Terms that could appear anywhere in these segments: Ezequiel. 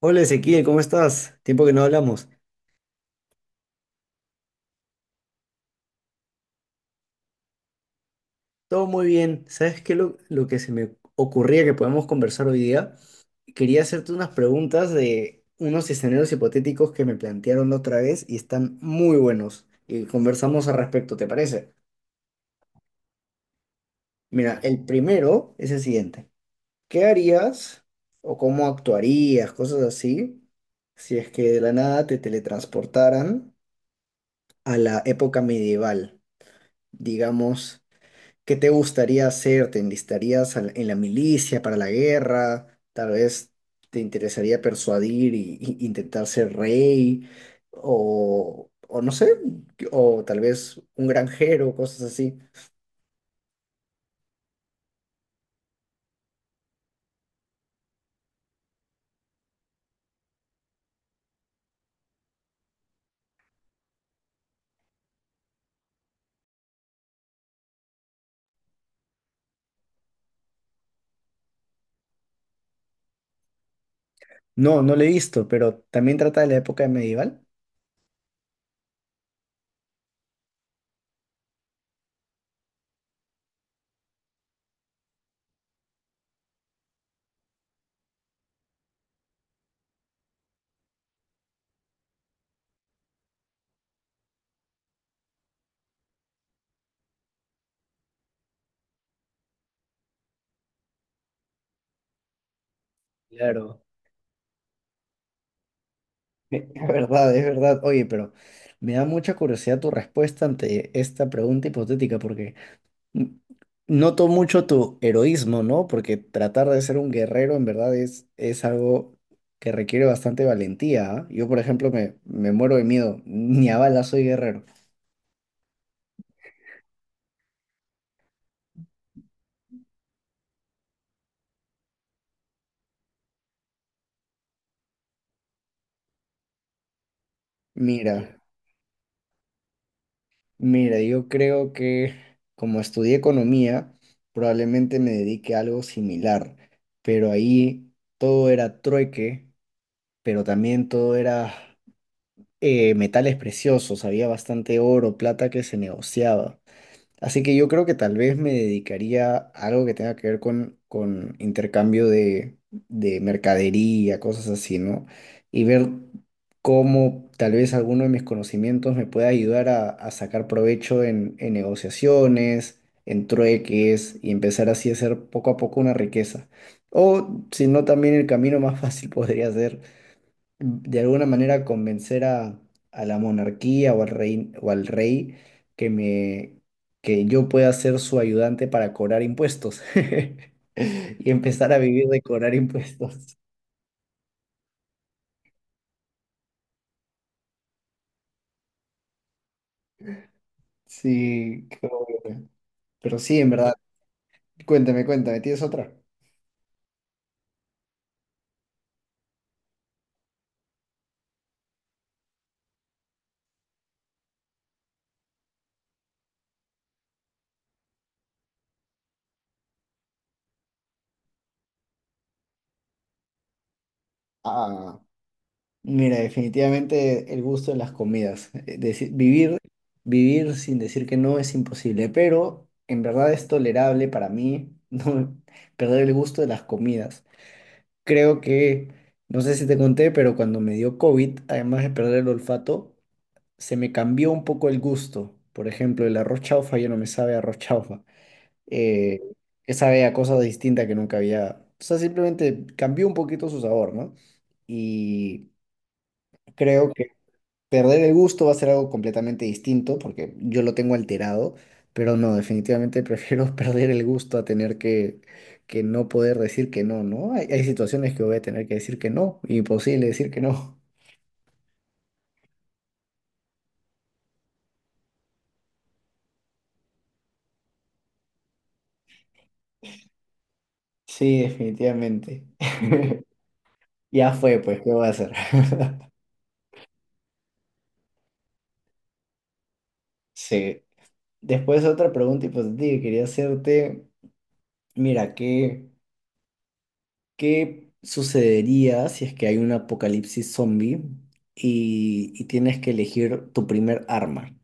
Hola Ezequiel, ¿cómo estás? Tiempo que no hablamos. Todo muy bien. ¿Sabes qué? Lo que se me ocurría que podemos conversar hoy día, quería hacerte unas preguntas de unos escenarios hipotéticos que me plantearon la otra vez y están muy buenos. Y conversamos al respecto, ¿te parece? Mira, el primero es el siguiente. ¿Qué harías o cómo actuarías, cosas así, si es que de la nada te teletransportaran a la época medieval? Digamos, ¿qué te gustaría hacer? ¿Te enlistarías en la milicia para la guerra? Tal vez te interesaría persuadir intentar ser rey o no sé, o tal vez un granjero, cosas así. No, no lo he visto, pero también trata de la época medieval. Claro. Es verdad, es verdad. Oye, pero me da mucha curiosidad tu respuesta ante esta pregunta hipotética porque noto mucho tu heroísmo, ¿no? Porque tratar de ser un guerrero en verdad es algo que requiere bastante valentía, ¿ah? Yo, por ejemplo, me muero de miedo. Ni a balas soy guerrero. Mira, mira, yo creo que como estudié economía, probablemente me dedique a algo similar. Pero ahí todo era trueque, pero también todo era metales preciosos. Había bastante oro, plata que se negociaba. Así que yo creo que tal vez me dedicaría a algo que tenga que ver con intercambio de mercadería, cosas así, ¿no? Y ver cómo tal vez alguno de mis conocimientos me pueda ayudar a sacar provecho en negociaciones, en trueques y empezar así a hacer poco a poco una riqueza. O si no, también el camino más fácil podría ser de alguna manera convencer a la monarquía o al rey que que yo pueda ser su ayudante para cobrar impuestos y empezar a vivir de cobrar impuestos. Sí, qué bueno. Pero sí, en verdad, cuéntame, cuéntame, ¿tienes otra? Ah, mira, definitivamente el gusto de las comidas. Vivir, vivir sin decir que no es imposible, pero en verdad es tolerable para mí no perder el gusto de las comidas. Creo que, no sé si te conté, pero cuando me dio COVID, además de perder el olfato, se me cambió un poco el gusto. Por ejemplo, el arroz chaufa ya no me sabe a arroz chaufa, eh, que sabe a cosas distintas que nunca había. O sea, simplemente cambió un poquito su sabor, ¿no? Y creo que perder el gusto va a ser algo completamente distinto porque yo lo tengo alterado, pero no, definitivamente prefiero perder el gusto a tener que no poder decir que no, ¿no? Hay situaciones que voy a tener que decir que no, imposible decir que no. Sí, definitivamente. Ya fue, pues, ¿qué voy a hacer? Sí. Después otra pregunta hipotética que quería hacerte, mira, ¿qué? ¿Qué sucedería si es que hay un apocalipsis zombie y tienes que elegir tu primer arma?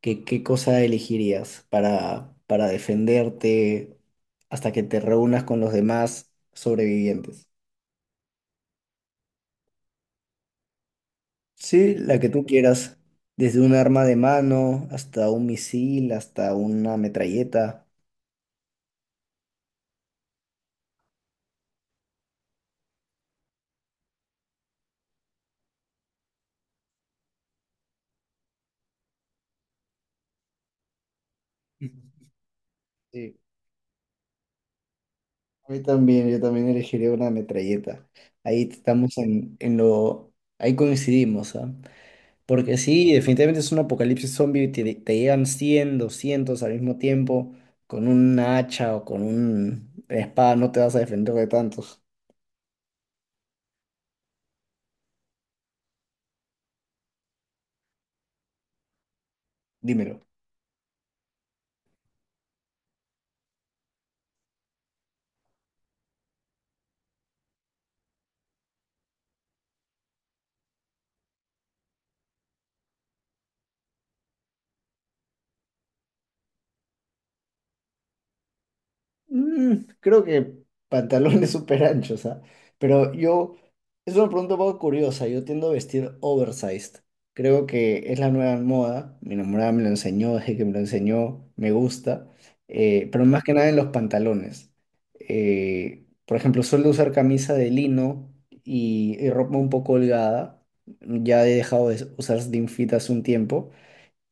¿Qué cosa elegirías para defenderte hasta que te reúnas con los demás sobrevivientes? Sí, la que tú quieras, desde un arma de mano hasta un misil, hasta una metralleta. Ujú. Sí, a mí también, yo también elegiría una metralleta. Ahí estamos en, ahí coincidimos, ¿ah? Porque sí, definitivamente es un apocalipsis zombie, y te llegan 100, 200 al mismo tiempo, con un hacha o con un espada no te vas a defender de tantos. Dímelo. Mm, creo que pantalones súper anchos, ¿ah? Pero yo, es una pregunta un poco curiosa, yo tiendo a vestir oversized. Creo que es la nueva moda, mi enamorada me lo enseñó, desde que me lo enseñó, me gusta, pero más que nada en los pantalones. Por ejemplo, suelo usar camisa de lino y ropa un poco holgada, ya he dejado de usar slim fit hace un tiempo,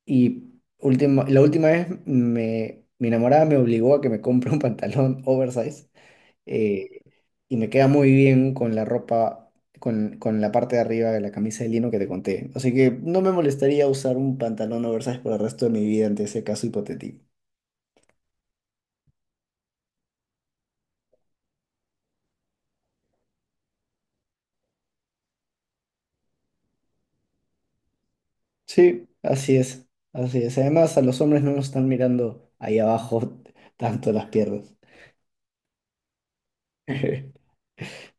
y la última vez mi enamorada me obligó a que me compre un pantalón oversize eh, y me queda muy bien con la ropa, con la parte de arriba de la camisa de lino que te conté. Así que no me molestaría usar un pantalón oversize por el resto de mi vida ante ese caso hipotético. Sí, así es, así es. Además, a los hombres no nos están mirando ahí abajo tanto las piernas.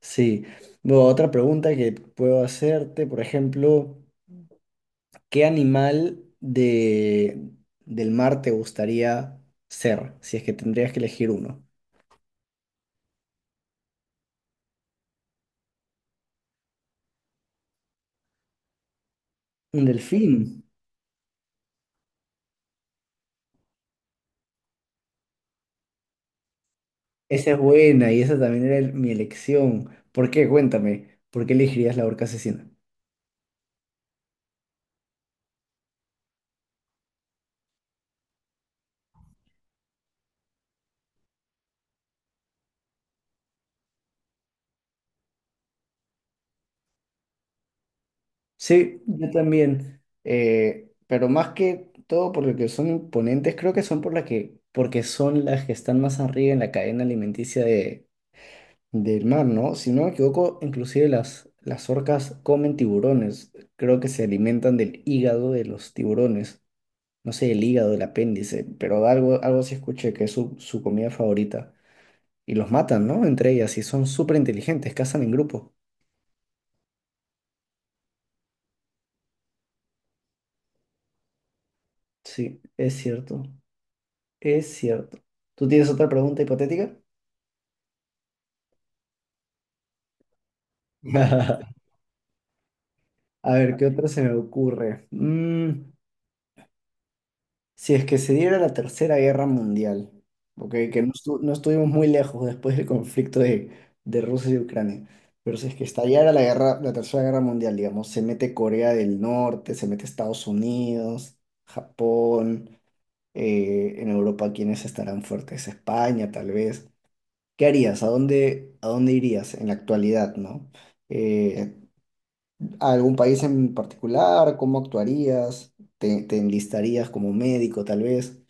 Sí. Bueno, otra pregunta que puedo hacerte, por ejemplo. ¿Qué animal del mar te gustaría ser? Si es que tendrías que elegir uno. Un delfín. Esa es buena y esa también era mi elección. ¿Por qué? Cuéntame. ¿Por qué elegirías la orca asesina? Sí, yo también. Eh, pero más que todo por lo que son imponentes, creo que son por porque son las que están más arriba en la cadena alimenticia del mar, ¿no? Si no me equivoco, inclusive las orcas comen tiburones. Creo que se alimentan del hígado de los tiburones. No sé, el hígado, el apéndice, pero algo sí escuché que es su comida favorita. Y los matan, ¿no? Entre ellas, y son súper inteligentes, cazan en grupo. Sí, es cierto, es cierto. ¿Tú tienes otra pregunta hipotética? A ver, ¿qué otra se me ocurre? Mm, si es que se diera la Tercera Guerra Mundial, ¿ok? Que no, no estuvimos muy lejos después del conflicto de Rusia y Ucrania, pero si es que estallara la guerra, la Tercera Guerra Mundial, digamos, se mete Corea del Norte, se mete Estados Unidos, Japón, en Europa, ¿quiénes estarán fuertes? España, tal vez. ¿Qué harías? A dónde irías en la actualidad, ¿no? Eh, ¿A algún país en particular? ¿Cómo actuarías? ¿Te enlistarías como médico, tal vez?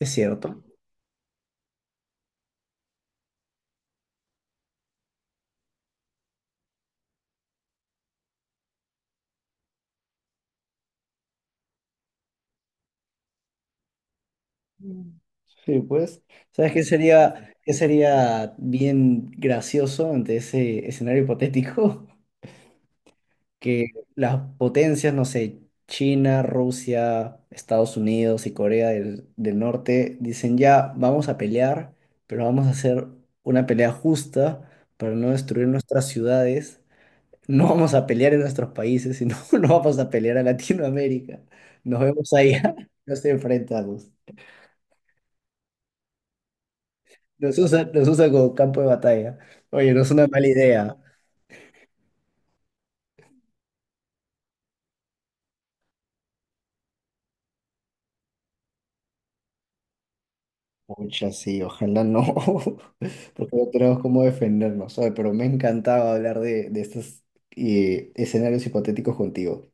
Es cierto. Sí, pues, ¿sabes qué sería bien gracioso ante ese escenario hipotético? Que las potencias, no sé, China, Rusia, Estados Unidos y Corea del Norte dicen ya, vamos a pelear, pero vamos a hacer una pelea justa para no destruir nuestras ciudades. No vamos a pelear en nuestros países, sino no vamos a pelear a Latinoamérica. Nos vemos allá, nos enfrentamos. Los usa como campo de batalla. Oye, no es una mala idea. Pucha, sí, ojalá no, porque no tenemos cómo defendernos. Oye, pero me encantaba hablar de estos escenarios hipotéticos contigo.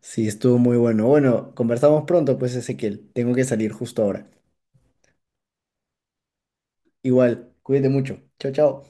Sí, estuvo muy bueno. Bueno, conversamos pronto, pues, Ezequiel. Tengo que salir justo ahora. Igual, cuídate mucho. Chao, chao.